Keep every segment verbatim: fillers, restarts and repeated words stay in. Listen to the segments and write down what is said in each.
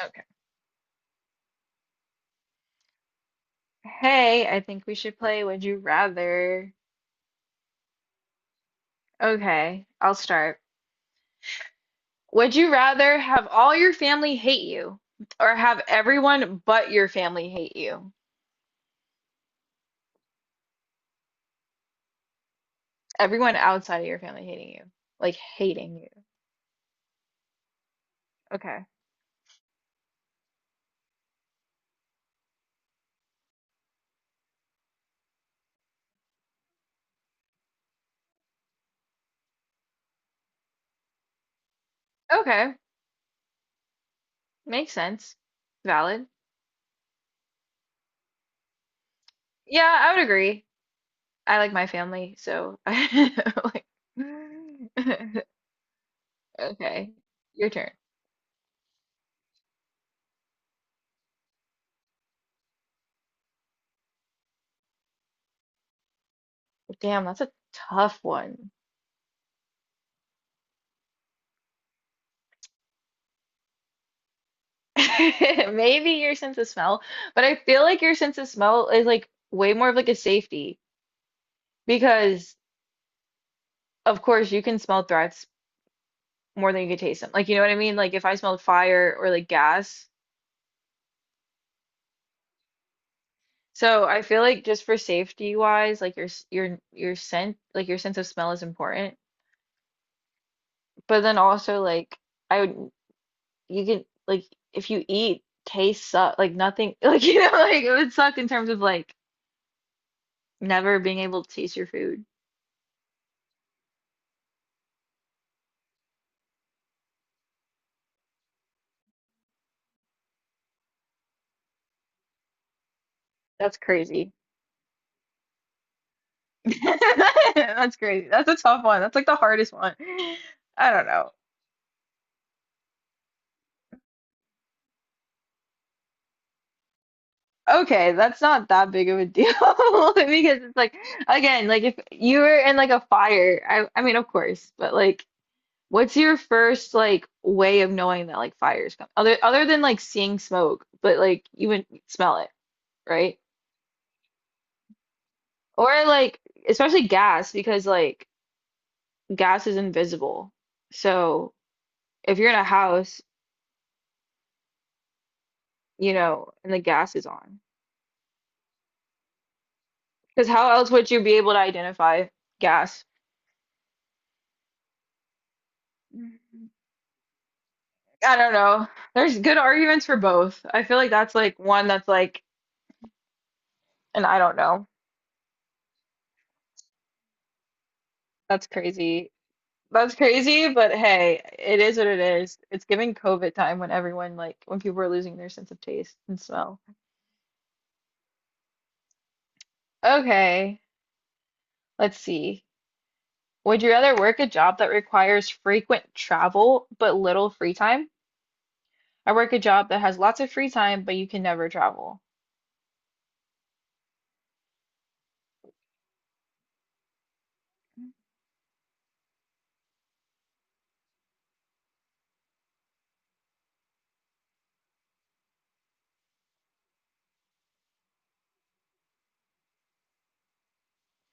Okay. Hey, I think we should play Would You Rather. Okay, I'll start. Would you rather have all your family hate you or have everyone but your family hate you? Everyone outside of your family hating you. Like hating you. Okay. Okay. Makes sense. Valid. Yeah, I would agree. I like my family, so I like okay. Your turn. Damn, that's a tough one. Maybe your sense of smell, but I feel like your sense of smell is like way more of like a safety because of course you can smell threats more than you can taste them. Like you know what I mean? Like if I smelled fire or like gas. So I feel like just for safety wise, like your s- your your scent, like your sense of smell is important. But then also like I would you can like if you eat, taste suck like nothing like you know like it would suck in terms of like never being able to taste your food. That's crazy. That's crazy. That's a tough one. That's like the hardest one. I don't know. Okay, that's not that big of a deal because it's like again, like if you were in like a fire, I I mean of course, but like what's your first like way of knowing that like fire's coming? Other other than like seeing smoke, but like you would smell it, right? Or like especially gas because like gas is invisible. So if you're in a house, you know, and the gas is on. Because how else would you be able to identify gas? I don't know. There's good arguments for both. I feel like that's like one that's like, and I don't know. That's crazy. That's crazy, but hey, it is what it is. It's giving COVID time when everyone like when people are losing their sense of taste and smell. Okay, let's see. Would you rather work a job that requires frequent travel but little free time? I work a job that has lots of free time, but you can never travel.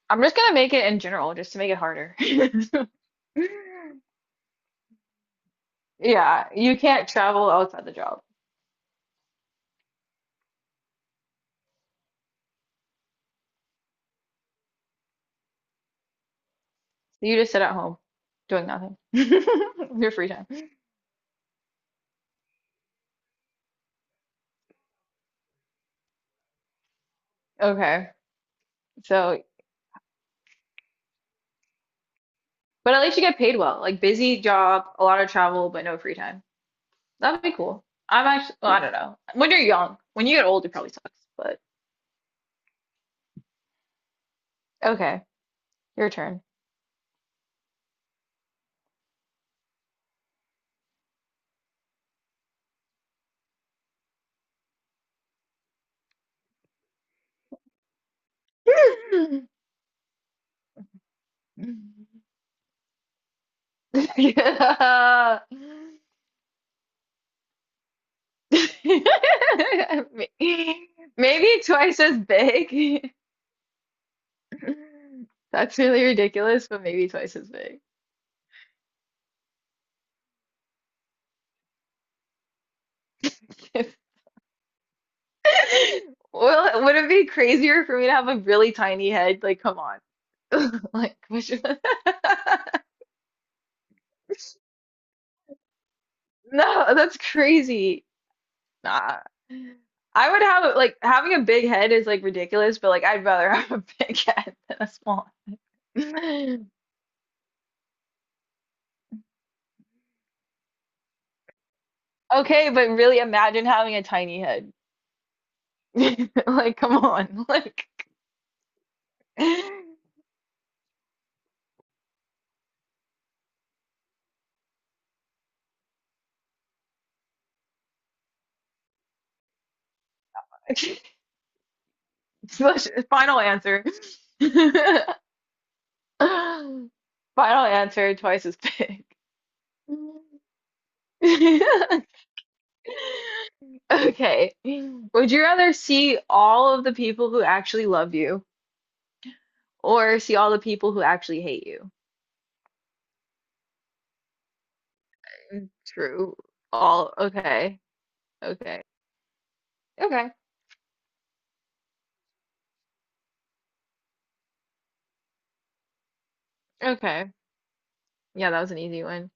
I'm just gonna make it in general just to make it harder. Yeah, you can't travel outside the job. You just sit at home doing nothing. Your free time. Okay. So, but at least you get paid well. Like busy job, a lot of travel, but no free time. That'd be cool. I'm actually, well, I don't know. When you're young, when you get old, it probably sucks, but okay. Your turn. Yeah. Maybe twice as big. That's really ridiculous, but maybe twice as big. Well, would it be crazier for me to have a really tiny head? Like, come on. Like, which... No, that's crazy. Nah. I would have like having a big head is like ridiculous, but like I'd rather have a big head than a small. One. Okay, but really imagine having a tiny head. Like, come on. Like, final answer. Final answer, twice as big. Okay. Would you rather see all of the people who actually love you or see all the people who actually hate you? Mm, true. All. Okay. Okay. Okay. Okay. Yeah, that was an easy one.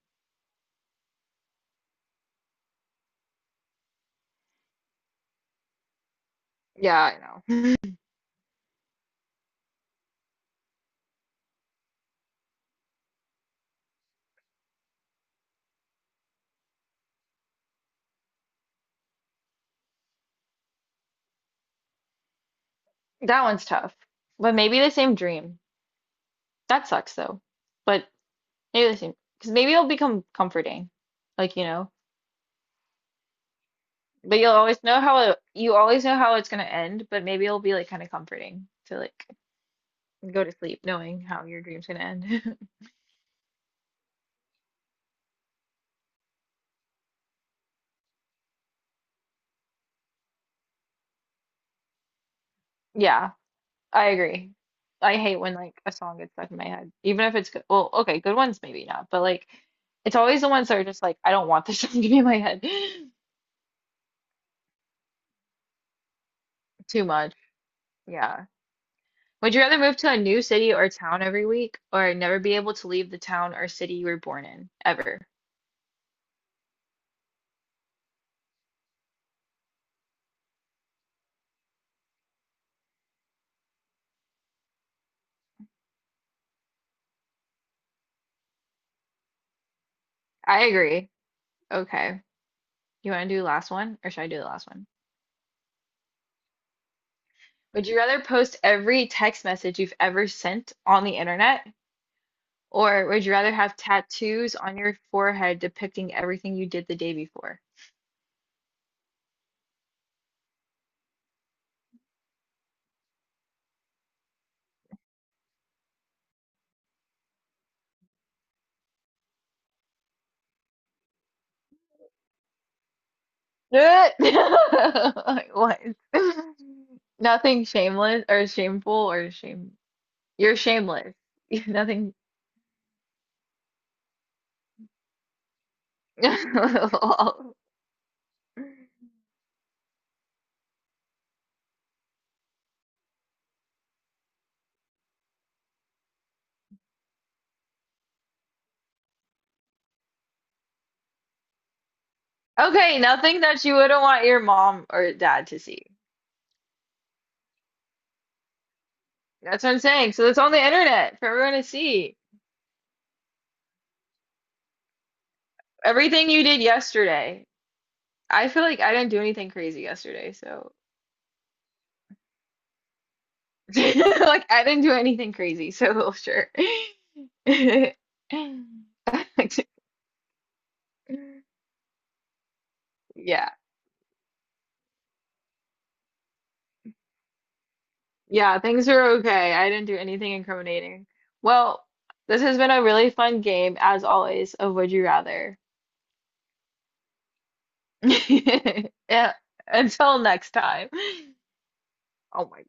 Yeah, I know. That one's tough. But maybe the same dream. That sucks though. But maybe the same, because maybe it'll become comforting. Like, you know. But you'll always know how it, you always know how it's gonna end, but maybe it'll be like kind of comforting to like go to sleep knowing how your dream's gonna end. Yeah, I agree. I hate when like a song gets stuck in my head, even if it's good. Well, okay, good ones maybe not, but like it's always the ones that are just like I don't want this song to be in my head too much. Yeah. Would you rather move to a new city or town every week or never be able to leave the town or city you were born in ever? I agree. Okay. You want to do the last one or should I do the last one? Would you rather post every text message you've ever sent on the internet, or would you rather have tattoos on your forehead depicting everything you did the day before? Like, what? Nothing shameless or shameful or shame. You're shameless. Nothing. Okay, nothing that you wouldn't want your mom or dad to see. That's what I'm saying. So it's on the internet for everyone to see. Everything you did yesterday. I feel like I didn't do anything crazy yesterday, so like I didn't do anything crazy, so sure. Yeah. Yeah, things are okay. I didn't do anything incriminating. Well, this has been a really fun game, as always, of Would You Rather. Yeah, until next time. Oh my